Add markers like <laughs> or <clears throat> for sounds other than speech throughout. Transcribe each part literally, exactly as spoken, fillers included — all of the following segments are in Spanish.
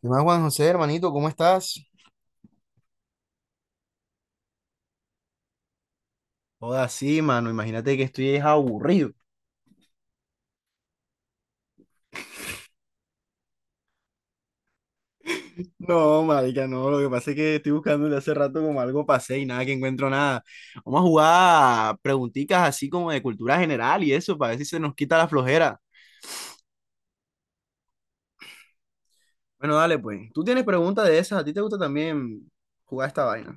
¿Qué más, Juan José, hermanito? ¿Cómo estás? Joda, sí, mano, imagínate que estoy es aburrido. No, marica, no, lo que pasa es que estoy buscando desde hace rato como algo pasé y nada que encuentro nada. Vamos a jugar preguntitas así como de cultura general y eso, para ver si se nos quita la flojera. Bueno, dale pues. Tú tienes preguntas de esas, a ti te gusta también jugar esta vaina.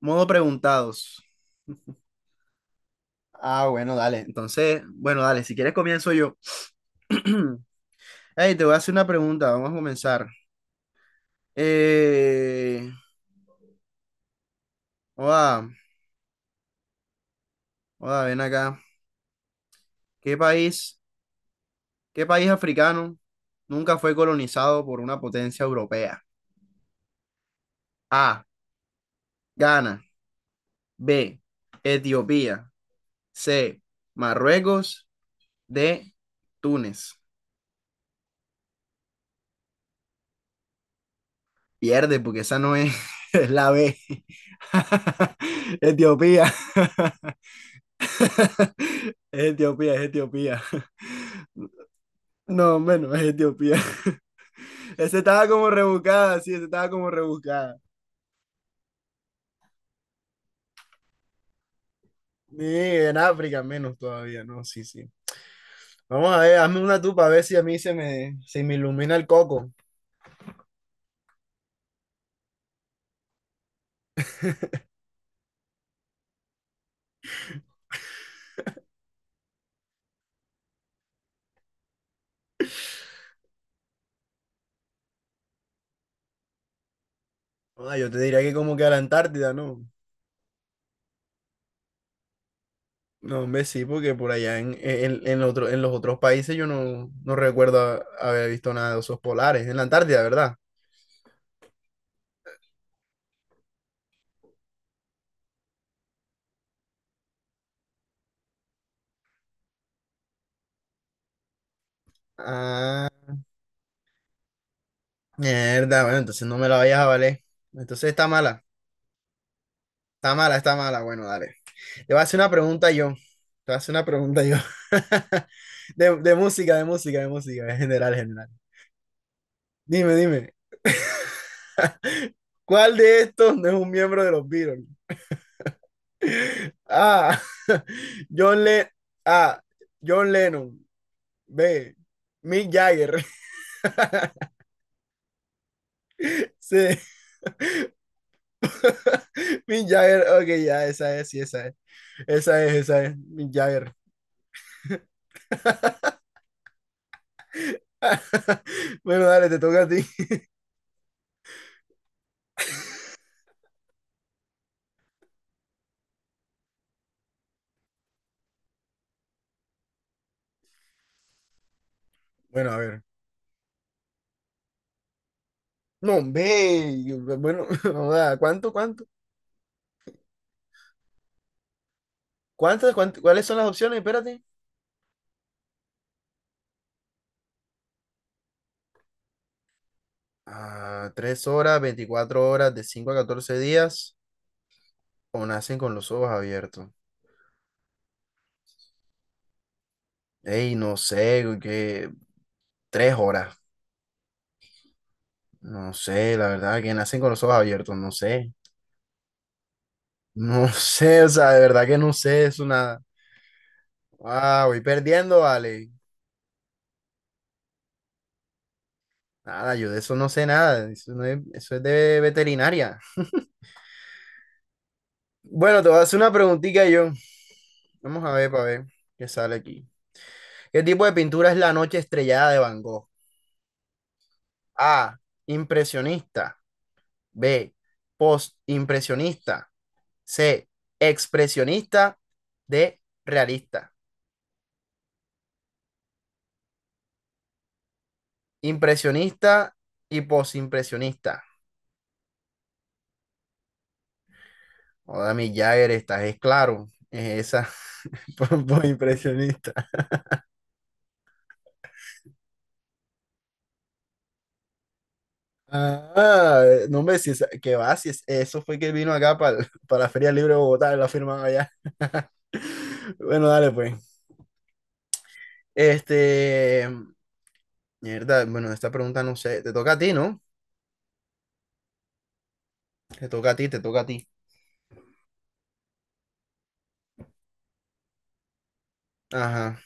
Modo preguntados. Ah, bueno, dale. Entonces, bueno, dale, si quieres comienzo yo. <clears throat> Hey, te voy a hacer una pregunta, vamos a comenzar. Eh... joda, Joda, ven acá. ¿Qué país, qué país africano nunca fue colonizado por una potencia europea? A. Ghana. B. Etiopía. C. Marruecos. D. Túnez. Pierde porque esa no es, <laughs> es la B. <laughs> Etiopía. <laughs> Es Etiopía, es Etiopía. No, menos es Etiopía. <laughs> Esa estaba como rebuscada, sí, esa estaba como rebuscada. Ni en África menos todavía, no, sí, sí. Vamos a ver, hazme una tú para ver si a mí se me, se me ilumina el coco. Ah, yo te diría que como que a la Antártida, ¿no? No, hombre, sí, porque por allá en, en, en otro- en los otros países yo no, no recuerdo a- haber visto nada de osos polares. En la Antártida, ¿verdad? Ah, mierda, bueno, entonces no me la vayas a valer. Entonces está mala, está mala, está mala. Bueno, dale. Te voy a hacer una pregunta yo. Te voy a hacer una pregunta yo. <laughs> De, de música, de música, de música, en general, en general. Dime, dime. <laughs> ¿Cuál de estos no es un miembro de los Beatles? A. <laughs> John Le- A. John Lennon. B. Mick Jagger. <laughs> C. <laughs> Mick Jagger. Ok, ya, esa es, sí, esa es. Esa es, esa es. Mick Jagger. <laughs> Bueno, dale, te toca a ti. Bueno, a ver. No, ve. Bueno, <laughs> no da. ¿Cuánto, cuánto? ¿Cuántas, cuánt- cuáles son las opciones? Espérate. Ah, tres horas, veinticuatro horas, de cinco a catorce días. O nacen con los ojos abiertos. Ey, no sé, que tres horas. No sé, la verdad, que nacen con los ojos abiertos, no sé. No <laughs> sé, o sea, de verdad que no sé eso nada. Ah, voy perdiendo, vale. Nada, yo de eso no sé nada. Eso, no es, eso es de veterinaria. Bueno, te voy a hacer una preguntita yo. Vamos a ver para ver qué sale aquí. ¿Qué tipo de pintura es la noche estrellada de Van Gogh? A. Impresionista. B. Postimpresionista. C. Expresionista. D. Realista. Impresionista y posimpresionista. Joder, mi Jagger, estás es claro. Es esa. <laughs> po- Posimpresionista. Ah, no me si esa- que va, si es- eso fue que vino acá para, para la Feria Libre de Bogotá, la firmaba allá. <laughs> Bueno, dale pues. Este, mierda, bueno, esta pregunta no sé, te toca a ti, ¿no? Te toca a ti, te toca a ti. Ajá.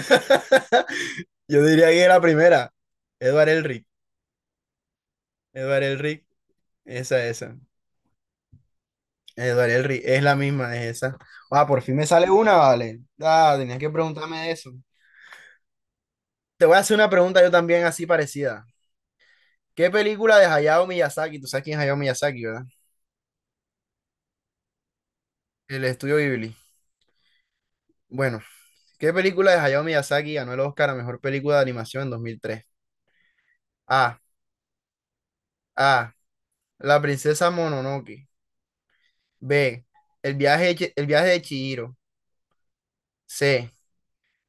<laughs> Yo diría que la primera, Edward Elric. Edward Elric, esa, esa. Edward Elric, es la misma, es esa. Ah, por fin me sale una, vale. Ah, tenías que preguntarme de eso. Te voy a hacer una pregunta yo también así parecida. ¿Qué película de Hayao Miyazaki? Tú sabes quién es Hayao Miyazaki, ¿verdad? El estudio Ghibli. Bueno, ¿qué película de Hayao Miyazaki ganó el Oscar a mejor película de animación en dos mil tres? A. A. La princesa Mononoke. B. El viaje, de Chi- el viaje de Chihiro. C.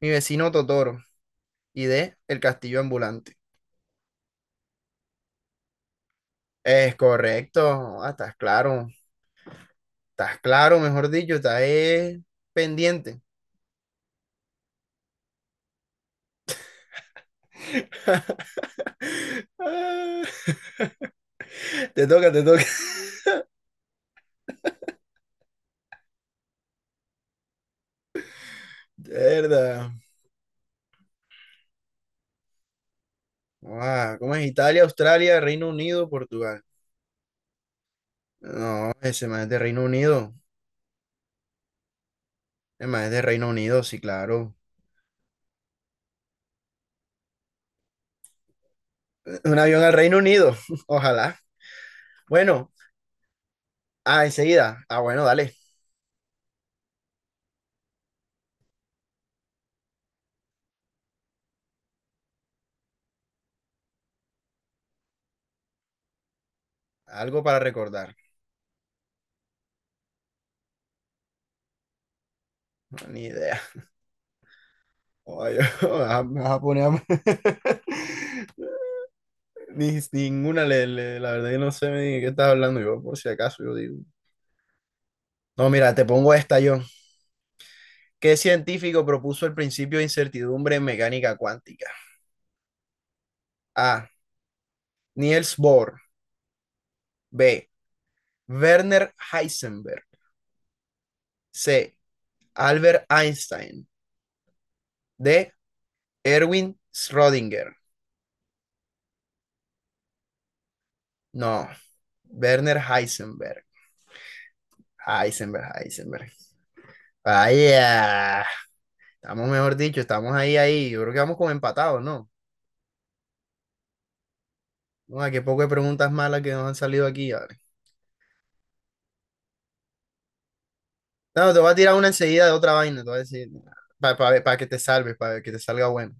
Mi vecino Totoro y de El Castillo Ambulante. Es correcto, ah, estás claro, estás claro, mejor dicho, estás eh, pendiente. <laughs> Ah, te toca, te toca. <laughs> Verdad. Guau, ¿cómo es Italia, Australia, Reino Unido, Portugal? No, ese más es de Reino Unido. Ese más es de Reino Unido, sí, claro. <clears throat> Un avión al Reino Unido, <laughs> ojalá. Bueno, ah, enseguida. Ah, bueno, dale. Algo para recordar. No, ni idea. Ay, <laughs> ah, me vas a poner a- <laughs> Ni- ninguna le, le- la verdad yo no sé ni de qué estás hablando yo, por si acaso yo digo. No, mira, te pongo esta yo. ¿Qué científico propuso el principio de incertidumbre en mecánica cuántica? A. Niels Bohr. B. Werner Heisenberg. C. Albert Einstein. D. Erwin Schrödinger. No, Werner Heisenberg. Heisenberg, Heisenberg. Vaya. Estamos, mejor dicho, estamos ahí, ahí. Yo creo que vamos como empatados, ¿no? Bueno, qué poco de preguntas malas que nos han salido aquí. Vale. No, te voy a tirar una enseguida de otra vaina, te voy a decir, para que te salves, para que te salga bueno.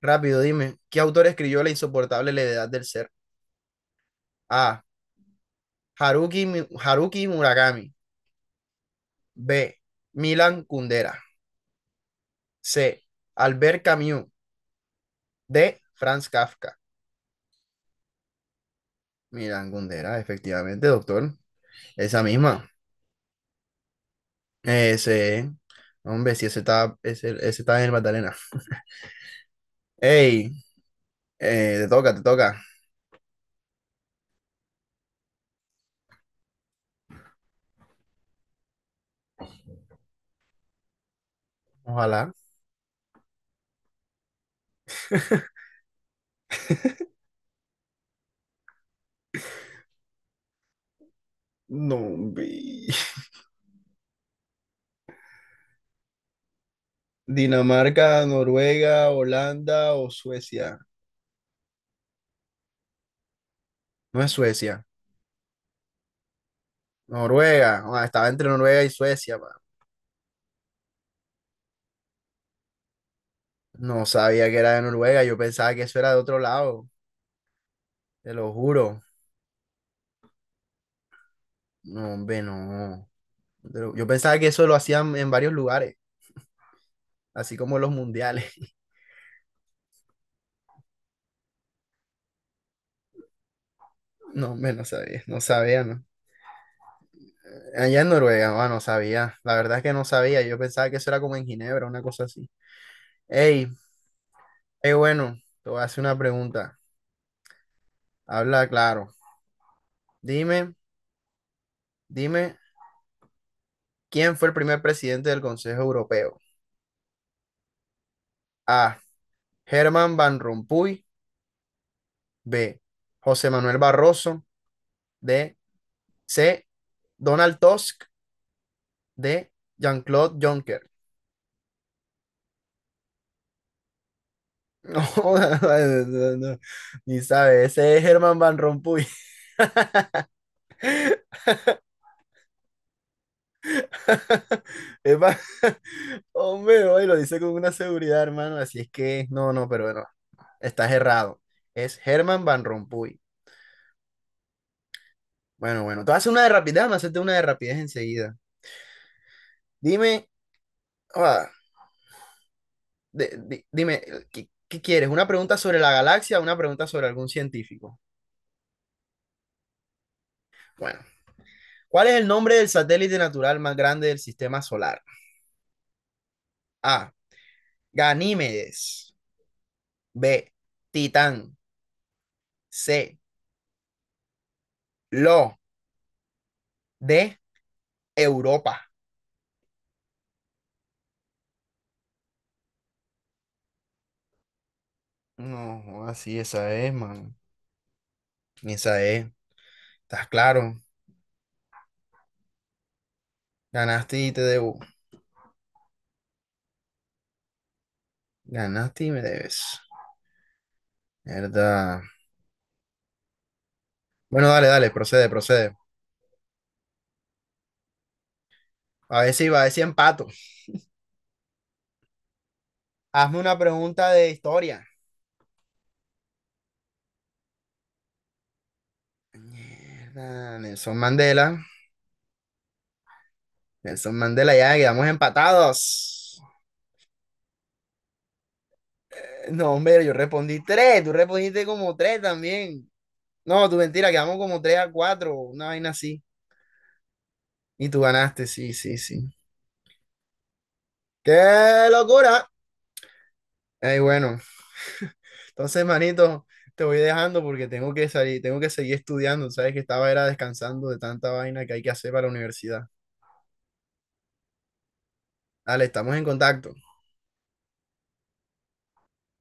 Rápido, dime, ¿qué autor escribió La insoportable levedad del ser? A. Haruki, Mi- Haruki Murakami. B. Milan Kundera. C. Albert Camus. D. Franz Kafka. Milan Kundera, efectivamente, doctor. Esa misma. Ese, hombre, sí ese está, ese, ese está en el Magdalena. Hey, eh, te toca, te toca. Ojalá. No, vi- Dinamarca, Noruega, Holanda o Suecia. No es Suecia. Noruega. Ah, estaba entre Noruega y Suecia, pa. No sabía que era de Noruega. Yo pensaba que eso era de otro lado. Te lo juro. No, hombre, no. Pero yo pensaba que eso lo hacían en varios lugares, así como los mundiales. <laughs> No, hombre, no sabía. No sabía, ¿no? Allá en Noruega, ah, no sabía. La verdad es que no sabía. Yo pensaba que eso era como en Ginebra, una cosa así. Hey, Eh, bueno, te voy a hacer una pregunta. Habla claro. Dime, dime, ¿quién fue el primer presidente del Consejo Europeo? A. Germán Van Rompuy. B. José Manuel Barroso. D. C. Donald Tusk. D. Jean-Claude Juncker. <laughs> No, no, no, no, ni sabe, ese es Germán Van Rompuy. <laughs> Es va- <laughs> Hombre, hoy lo dice con una seguridad, hermano, así es que, no, no, pero bueno, estás errado. Es Germán Van Rompuy. Bueno, bueno, te voy a hacer una de rapidez, déjame hacerte una de rapidez enseguida. Dime, ah, de- di- dime, ¿qué, qué quieres? ¿Una pregunta sobre la galaxia o una pregunta sobre algún científico? Bueno, ¿cuál es el nombre del satélite natural más grande del sistema solar? A. Ganímedes. B. Titán. C. Lo. D. Europa. No, así esa es, man. Esa es. ¿Estás claro? Ganaste y te debo. Ganaste y me debes. Verdad. Bueno, dale, dale, procede, procede. A ver si, a ver si empato. Hazme una pregunta de historia. Mierda, Nelson Mandela. Nelson Mandela, ya quedamos empatados. Eh, No, hombre, yo respondí tres. Tú respondiste como tres también. No, tu mentira, quedamos como tres a cuatro. Una vaina así. Y tú ganaste, sí, sí, sí. ¡Qué locura! Ay, bueno, entonces, manito, te voy dejando porque tengo que salir, tengo que seguir estudiando. Sabes que estaba era descansando de tanta vaina que hay que hacer para la universidad. Dale, estamos en contacto.